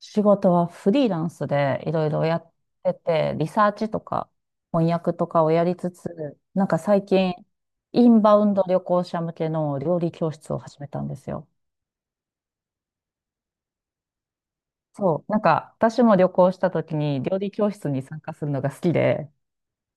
仕事はフリーランスでいろいろやってて、リサーチとか翻訳とかをやりつつ、なんか最近、インバウンド旅行者向けの料理教室を始めたんですよ。そう、なんか私も旅行した時に料理教室に参加するのが好きで、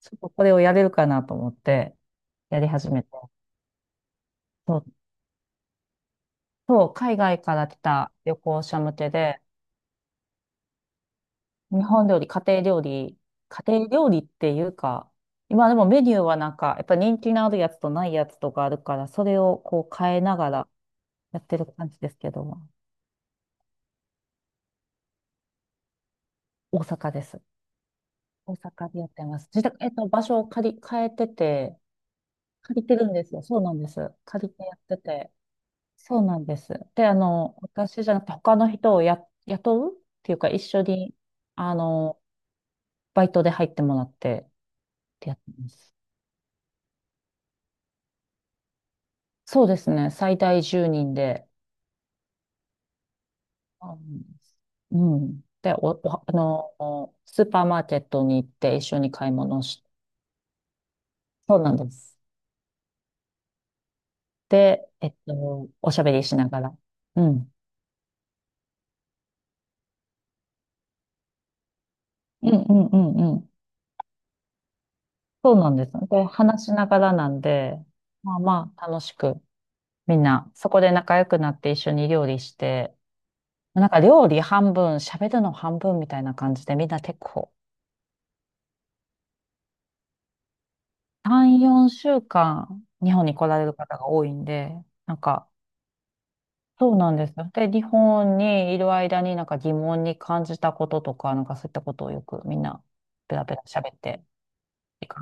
ちょっとこれをやれるかなと思ってやり始めて、そう、そう海外から来た旅行者向けで、日本料理、家庭料理、家庭料理っていうか、今でもメニューはなんか、やっぱ人気のあるやつとないやつとかあるから、それをこう変えながらやってる感じですけども、大阪です。大阪でやってます。自宅、場所を変えてて、借りてるんですよ。そうなんです。借りてやってて。そうなんです。で、あの、私じゃなくて他の人を雇うっていうか、一緒に、あの、バイトで入ってもらってってやってます。そうですね。最大10人で。うん。うんで、あの、スーパーマーケットに行って一緒に買い物し、そうなんです。で、おしゃべりしながら。うん。うんうんうんうん。そうなんです。で、話しながらなんで、まあまあ、楽しく、みんな、そこで仲良くなって一緒に料理して、なんか料理半分、喋るの半分みたいな感じで、みんな結構、3、4週間、日本に来られる方が多いんで、なんか、そうなんですよ。で、日本にいる間になんか疑問に感じたこととか、なんかそういったことをよくみんなペラペラ喋っていく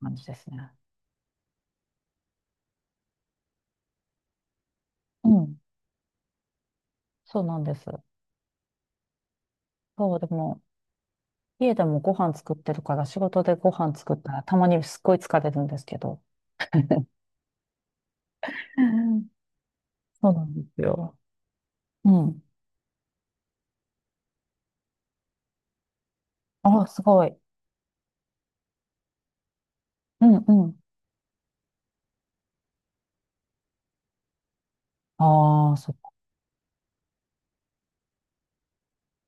感じですね。うん。そうなんです。そう、でも、家でもご飯作ってるから、仕事でご飯作ったらたまにすっごい疲れるんですけど。そうなんですよ。うん。あ、すごい。うんうん。ああ、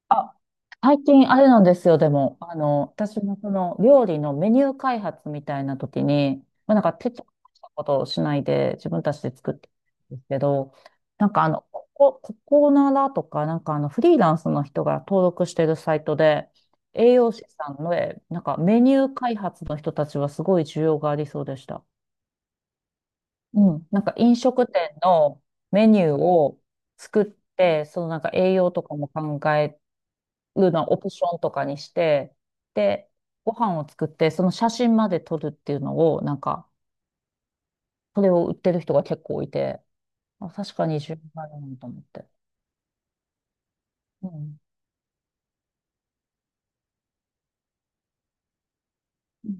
あ、最近あれなんですよ、でも、あの、私もその料理のメニュー開発みたいな時に、まあ、なんか手伝ったことをしないで自分たちで作ってるんですけど、なんかあの、ここならとか、なんかあの、フリーランスの人が登録してるサイトで、栄養士さんの、なんかメニュー開発の人たちはすごい需要がありそうでした。うん。なんか飲食店のメニューを作って、そのなんか栄養とかも考えいうのをオプションとかにして、で、ご飯を作って、その写真まで撮るっていうのを、なんか、それを売ってる人が結構いて、あ、確かに自分があるなと思って。うん。うん。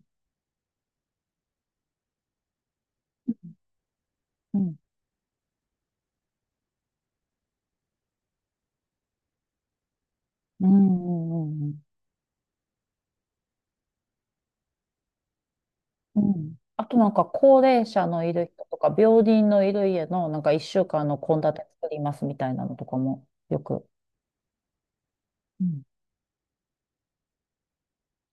うん。うん。うん。うん。あとなんか、高齢者のいる人とか、病人のいる家の、なんか、一週間の献立作りますみたいなのとかも、よく。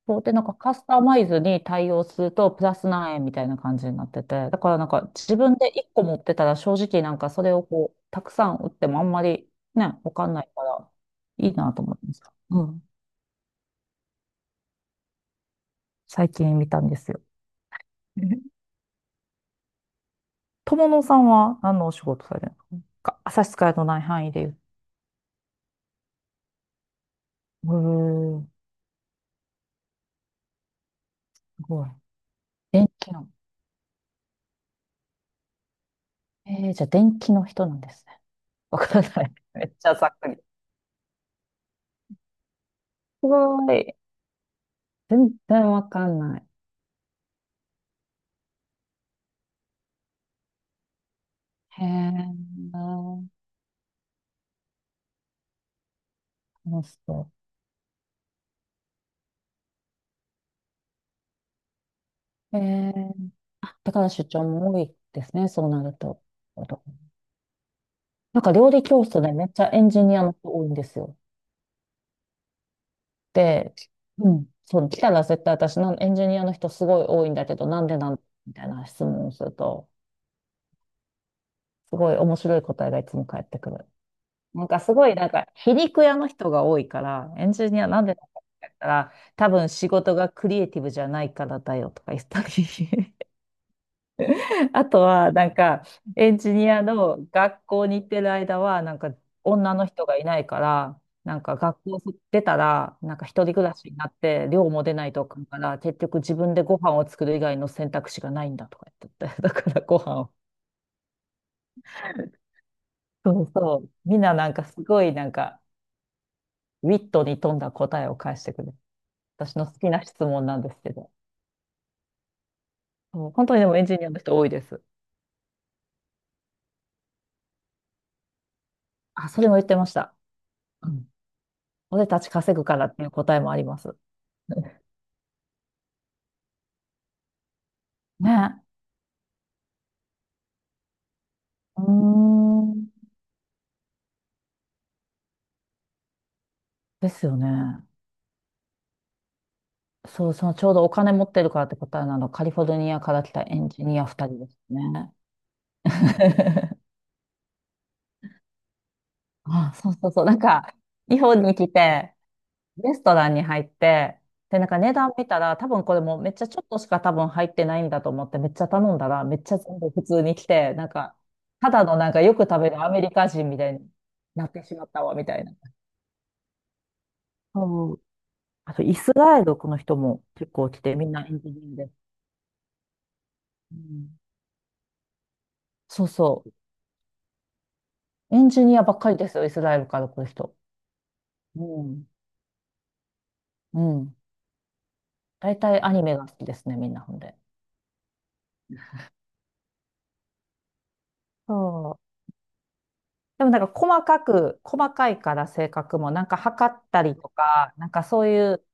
そうで、なんかカスタマイズに対応するとプラス何円みたいな感じになってて、だからなんか自分で1個持ってたら正直なんかそれをこう、たくさん売ってもあんまりね、わかんないからいいなと思いました。うん。最近見たんですよ。友野さんは何のお仕事されるのか、差し支えのない範囲で言う。うーん。すごい。電気の。じゃあ電気の人なんですね。わからない。めっちゃざっくり。すごい。全然わかんない。へえ。そうそう。だから出張も多いですね、そうなると。なんか料理教室でめっちゃエンジニアの人多いんですよ。で、うん、そう、来たら絶対私のエンジニアの人すごい多いんだけど、なんでなんみたいな質問をすると、すごい面白い答えがいつも返ってくる。なんかすごい、なんか皮肉屋の人が多いから、エンジニアなんでなんだって言ったら、多分仕事がクリエイティブじゃないからだよとか言ったり。あとは、なんか、エンジニアの学校に行ってる間は、なんか、女の人がいないから、なんか、学校出たら、なんか、一人暮らしになって、寮も出ないとあかんから、結局自分でご飯を作る以外の選択肢がないんだとか言ってて、だからご飯を。そうそう。みんななんか、すごい、なんか、ウィットに富んだ答えを返してくる。私の好きな質問なんですけど。そう本当にでもエンジニアの人多いです。あ、それも言ってました。うん。俺たち稼ぐからっていう答えもあります。ね。うーん。ですよね。そう、そのちょうどお金持ってるからって答えなの、カリフォルニアから来たエンジニア2人ですね。あ、そうそうそう。なんか、日本に来て、レストランに入って、で、なんか値段見たら、多分これもうめっちゃちょっとしか多分入ってないんだと思って、めっちゃ頼んだら、めっちゃ全部普通に来て、なんか、ただのなんかよく食べるアメリカ人みたいになってしまったわ、みたいな。そう。あと、イスラエルの人も結構来て、みんなエンジニアです。うん。そうそう。エンジニアばっかりですよ、イスラエルから来る人。うん。うん。大体アニメが好きですね、みんなほんで。そう。でもなんか細かいから性格も、なんか測ったりとか、なんかそういう、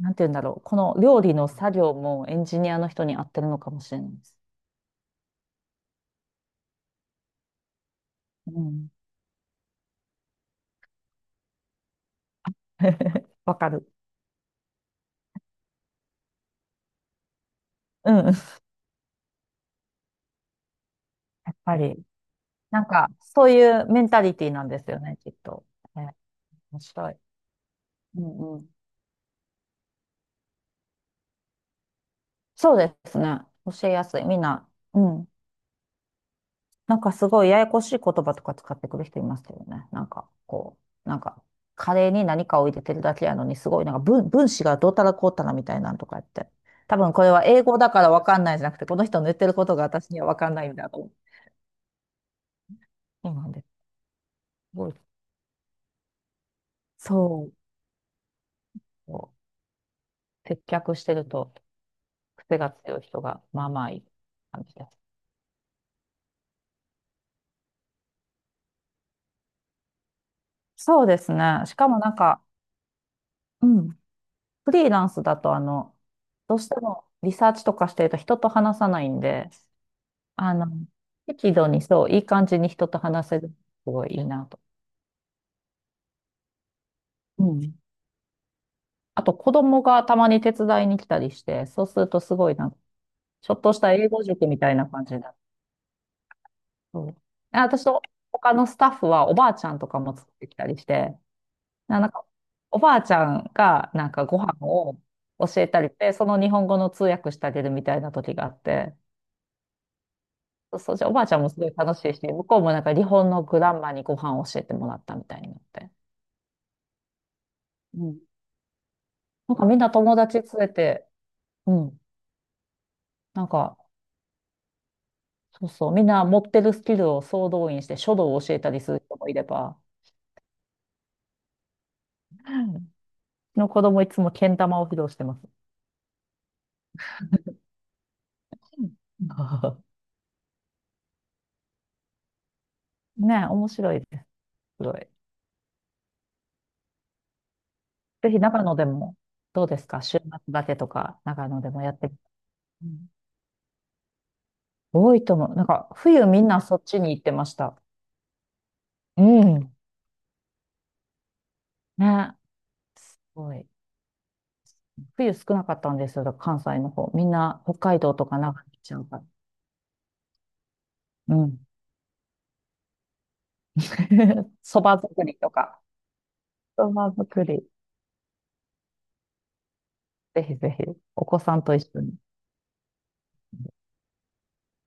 なんて言うんだろう、この料理の作業もエンジニアの人に合ってるのかもしれないです。うん。わかる。うん。やっぱり、なんかそういうメンタリティなんですよね、きっと。え、面白い。うんうん。そうですね。教えやすい。みんな、うん。なんかすごいややこしい言葉とか使ってくる人いますけどね。なんかこう、なんかカレーに何かを入れてるだけやのにすごいなんか分子がどうたらこうたらみたいなんとか言って。多分これは英語だからわかんないじゃなくて、この人の言ってることが私にはわかんないんだと思う。そうなんです。すごい。そう。接客してると癖が強い人がまあまあいい感じです。そうですね。しかもなんか、うん。フリーランスだとあの、どうしてもリサーチとかしてると人と話さないんで、あの、適度にそう、いい感じに人と話せる。すごいいいなと。うん。あと、子供がたまに手伝いに来たりして、そうするとすごいなんか、ちょっとした英語塾みたいな感じだ。そう。あ、私と他のスタッフはおばあちゃんとかも作ってきたりして、なんか、おばあちゃんがなんかご飯を教えたりして、その日本語の通訳してあげるみたいな時があって、そうそう、じゃあおばあちゃんもすごい楽しいし、向こうもなんか日本のグランマにご飯を教えてもらったみたいになって。うん。なんかみんな友達連れて、うん。なんか、そうそう、みんな持ってるスキルを総動員して書道を教えたりする人もいれば、うん、うちの子供いつもけん玉を披露してます。うん。 ねえ、面白いです。すごい。ぜひ長野でも、どうですか週末だけとか、長野でもやってみて。うん、多いと思う。なんか、冬みんなそっちに行ってました。うん。ね、すごい。冬少なかったんですよ、だから関西の方。みんな北海道とか長野行っちゃうから。うん。そば作りとか。そば作り、ぜひぜひ、お子さんと一緒に。